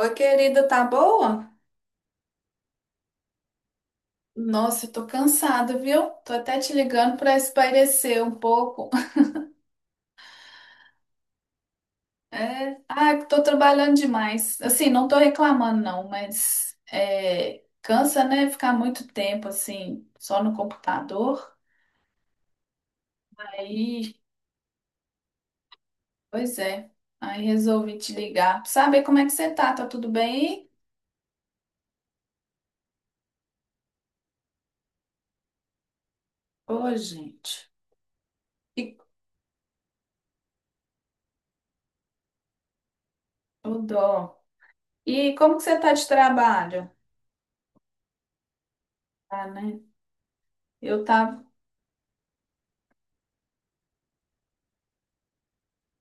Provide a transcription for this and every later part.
Oi, querida, tá boa? Nossa, eu tô cansada, viu? Tô até te ligando pra espairecer um pouco. Tô trabalhando demais. Assim, não tô reclamando, não, mas é, cansa, né? Ficar muito tempo, assim, só no computador. Aí, pois é. Aí resolvi te ligar pra saber como é que você tá. Tá tudo bem aí? Ô, gente. E, ô, dó. E como que você tá de trabalho? Ah, né? Eu tava.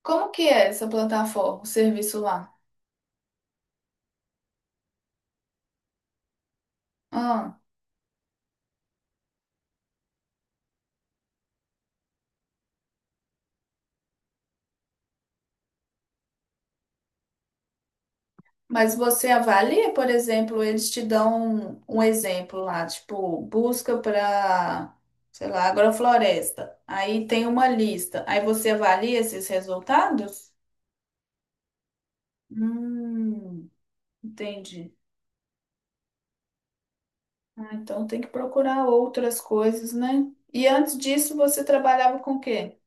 Como que é essa plataforma, o serviço lá? Ah, mas você avalia, por exemplo, eles te dão um exemplo lá, tipo, busca para, sei lá, agrofloresta. Aí tem uma lista. Aí você avalia esses resultados? Hum, entendi. Ah, então tem que procurar outras coisas, né? E antes disso, você trabalhava com o quê?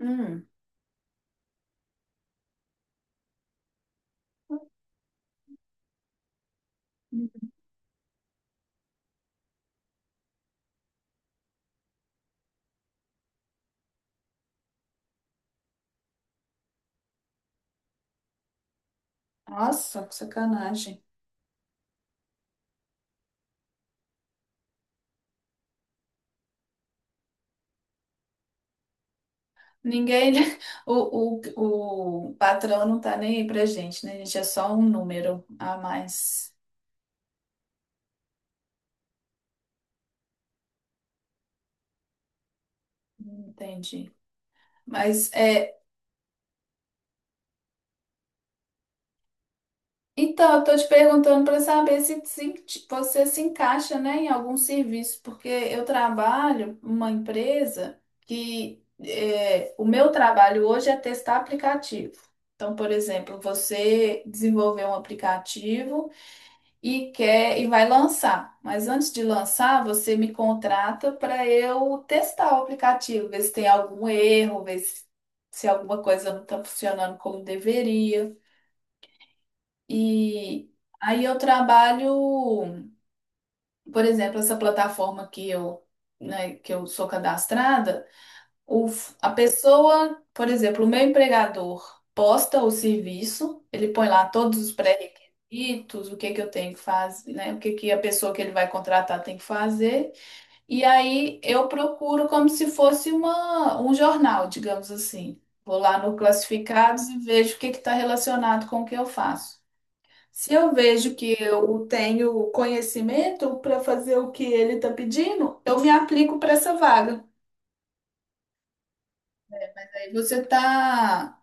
Hum, nossa, que sacanagem. Ninguém, o patrão não tá nem aí pra gente, né? A gente é só um número a mais. Entendi. Mas é, então eu tô te perguntando para saber se, você se encaixa, né, em algum serviço, porque eu trabalho numa empresa que é, o meu trabalho hoje é testar aplicativo. Então, por exemplo, você desenvolveu um aplicativo e quer e vai lançar. Mas antes de lançar, você me contrata para eu testar o aplicativo, ver se tem algum erro, ver se alguma coisa não está funcionando como deveria. E aí eu trabalho, por exemplo, essa plataforma né, que eu sou cadastrada. A pessoa, por exemplo, o meu empregador posta o serviço, ele põe lá todos os pré-requisitos, o que que eu tenho que fazer, né? O que que a pessoa que ele vai contratar tem que fazer. E aí eu procuro como se fosse um jornal, digamos assim. Vou lá no classificados e vejo o que que está relacionado com o que eu faço. Se eu vejo que eu tenho conhecimento para fazer o que ele está pedindo, eu me aplico para essa vaga. Aí você está,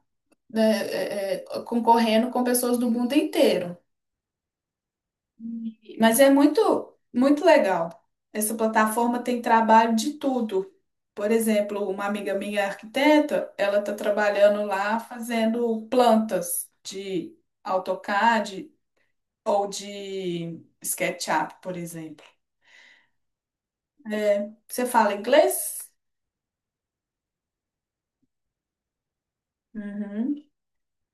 né, concorrendo com pessoas do mundo inteiro. Mas é muito, muito legal. Essa plataforma tem trabalho de tudo. Por exemplo, uma amiga minha arquiteta, ela está trabalhando lá fazendo plantas de AutoCAD ou de SketchUp, por exemplo. É, você fala inglês? Uhum.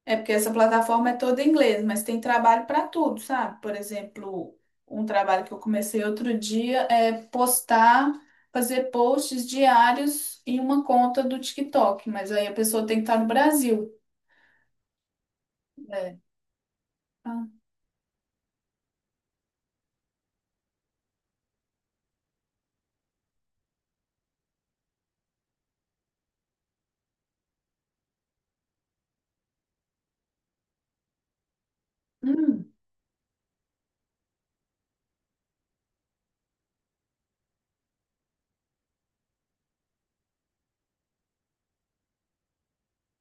É porque essa plataforma é toda em inglês, mas tem trabalho para tudo, sabe? Por exemplo, um trabalho que eu comecei outro dia é fazer posts diários em uma conta do TikTok, mas aí a pessoa tem que estar no Brasil. É. Ah, hum,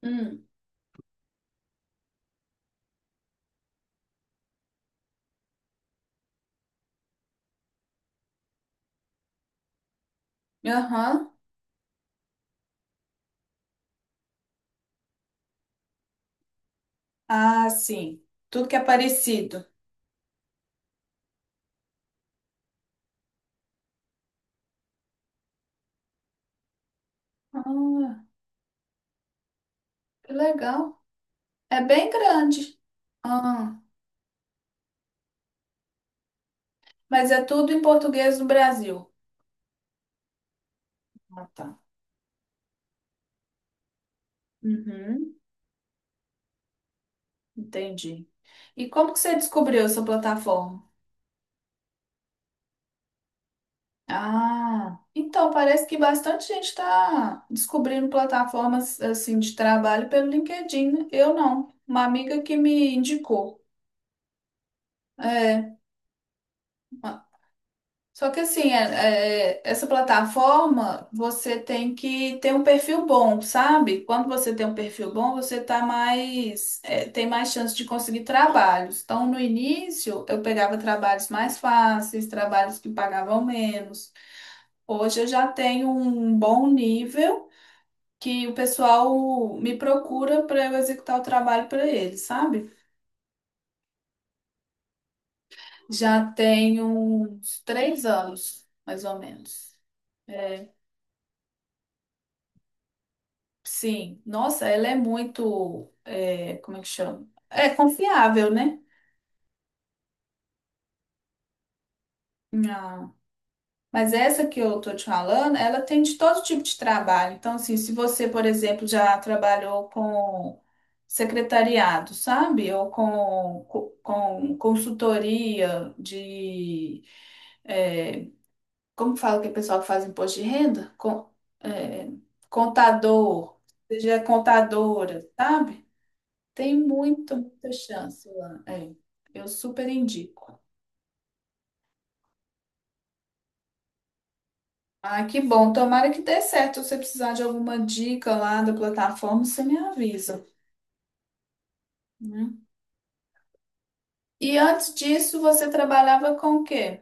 hum, aham. Ah, sim. Tudo que é parecido. Ah, que legal. É bem grande. Ah, mas é tudo em português do Brasil. Ah, tá. Uhum. Entendi. E como que você descobriu essa plataforma? Ah, então parece que bastante gente está descobrindo plataformas assim de trabalho pelo LinkedIn, né? Eu não. Uma amiga que me indicou. É. Só que assim, essa plataforma você tem que ter um perfil bom, sabe? Quando você tem um perfil bom, você tá mais, é, tem mais chance de conseguir trabalhos. Então, no início, eu pegava trabalhos mais fáceis, trabalhos que pagavam menos. Hoje eu já tenho um bom nível que o pessoal me procura para eu executar o trabalho para eles, sabe? Já tenho uns 3 anos, mais ou menos. Sim, nossa, ela é muito, é, como é que chama? É confiável, né? Ah, mas essa que eu tô te falando, ela tem de todo tipo de trabalho. Então, assim, se você, por exemplo, já trabalhou com secretariado, sabe? Ou com, com consultoria de, é, como fala que o pessoal que faz imposto de renda? É, contador, seja contadora, sabe? Tem muita, muita chance lá. É, eu super indico. Ah, que bom. Tomara que dê certo. Se você precisar de alguma dica lá da plataforma, você me avisa, né? E antes disso, você trabalhava com o quê?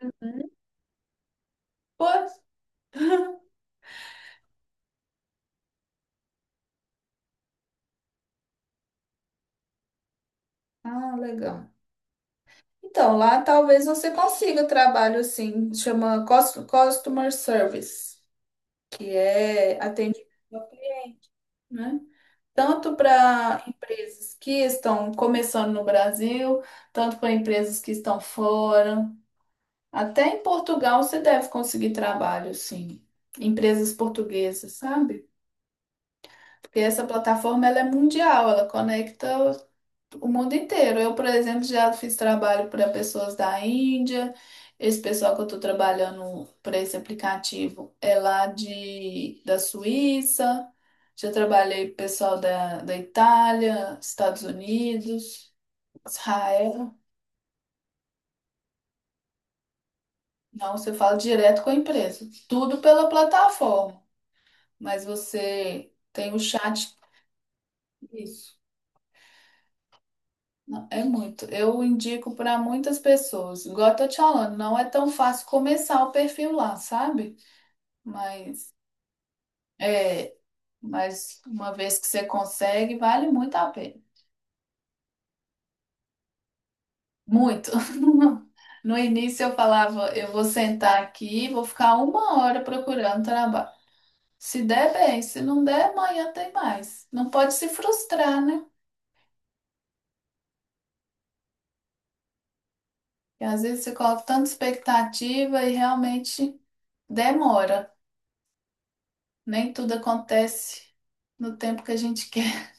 Hum? Pois. Ah, legal. Então, lá talvez você consiga trabalho assim, chama Customer Service, que é atendimento ao cliente, né? Tanto para empresas que estão começando no Brasil, tanto para empresas que estão fora. Até em Portugal você deve conseguir trabalho, sim. Empresas portuguesas, sabe? Porque essa plataforma ela é mundial, ela conecta o mundo inteiro. Eu, por exemplo, já fiz trabalho para pessoas da Índia. Esse pessoal que eu estou trabalhando para esse aplicativo é lá da Suíça. Já trabalhei pro pessoal da Itália, Estados Unidos, Israel. Não, você fala direto com a empresa. Tudo pela plataforma. Mas você tem o chat. Isso. Não, é muito. Eu indico para muitas pessoas. Igual eu tô te falando, não é tão fácil começar o perfil lá, sabe? Mas é, mas uma vez que você consegue, vale muito a pena. Muito. No início eu falava, eu vou sentar aqui, vou ficar 1 hora procurando trabalho. Se der bem, se não der, amanhã tem mais. Não pode se frustrar, né? Porque às vezes você coloca tanta expectativa e realmente demora. Nem tudo acontece no tempo que a gente quer.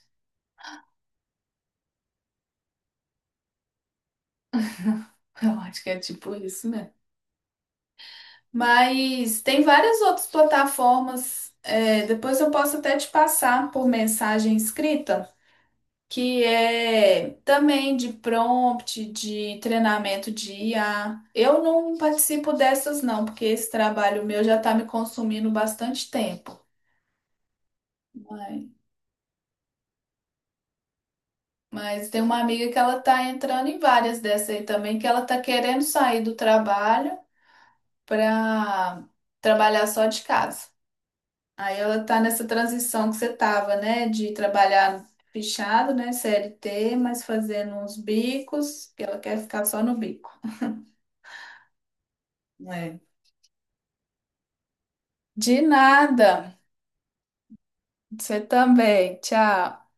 Eu acho que é tipo isso, né? Mas tem várias outras plataformas, é, depois eu posso até te passar por mensagem escrita, que é também de prompt, de treinamento de IA. Eu não participo dessas, não, porque esse trabalho meu já está me consumindo bastante tempo. Mas, mas tem uma amiga que ela está entrando em várias dessas aí também, que ela está querendo sair do trabalho para trabalhar só de casa. Aí ela tá nessa transição que você tava, né? De trabalhar fechado, né? CLT, mas fazendo uns bicos, que ela quer ficar só no bico. É. De nada. Você também. Tchau.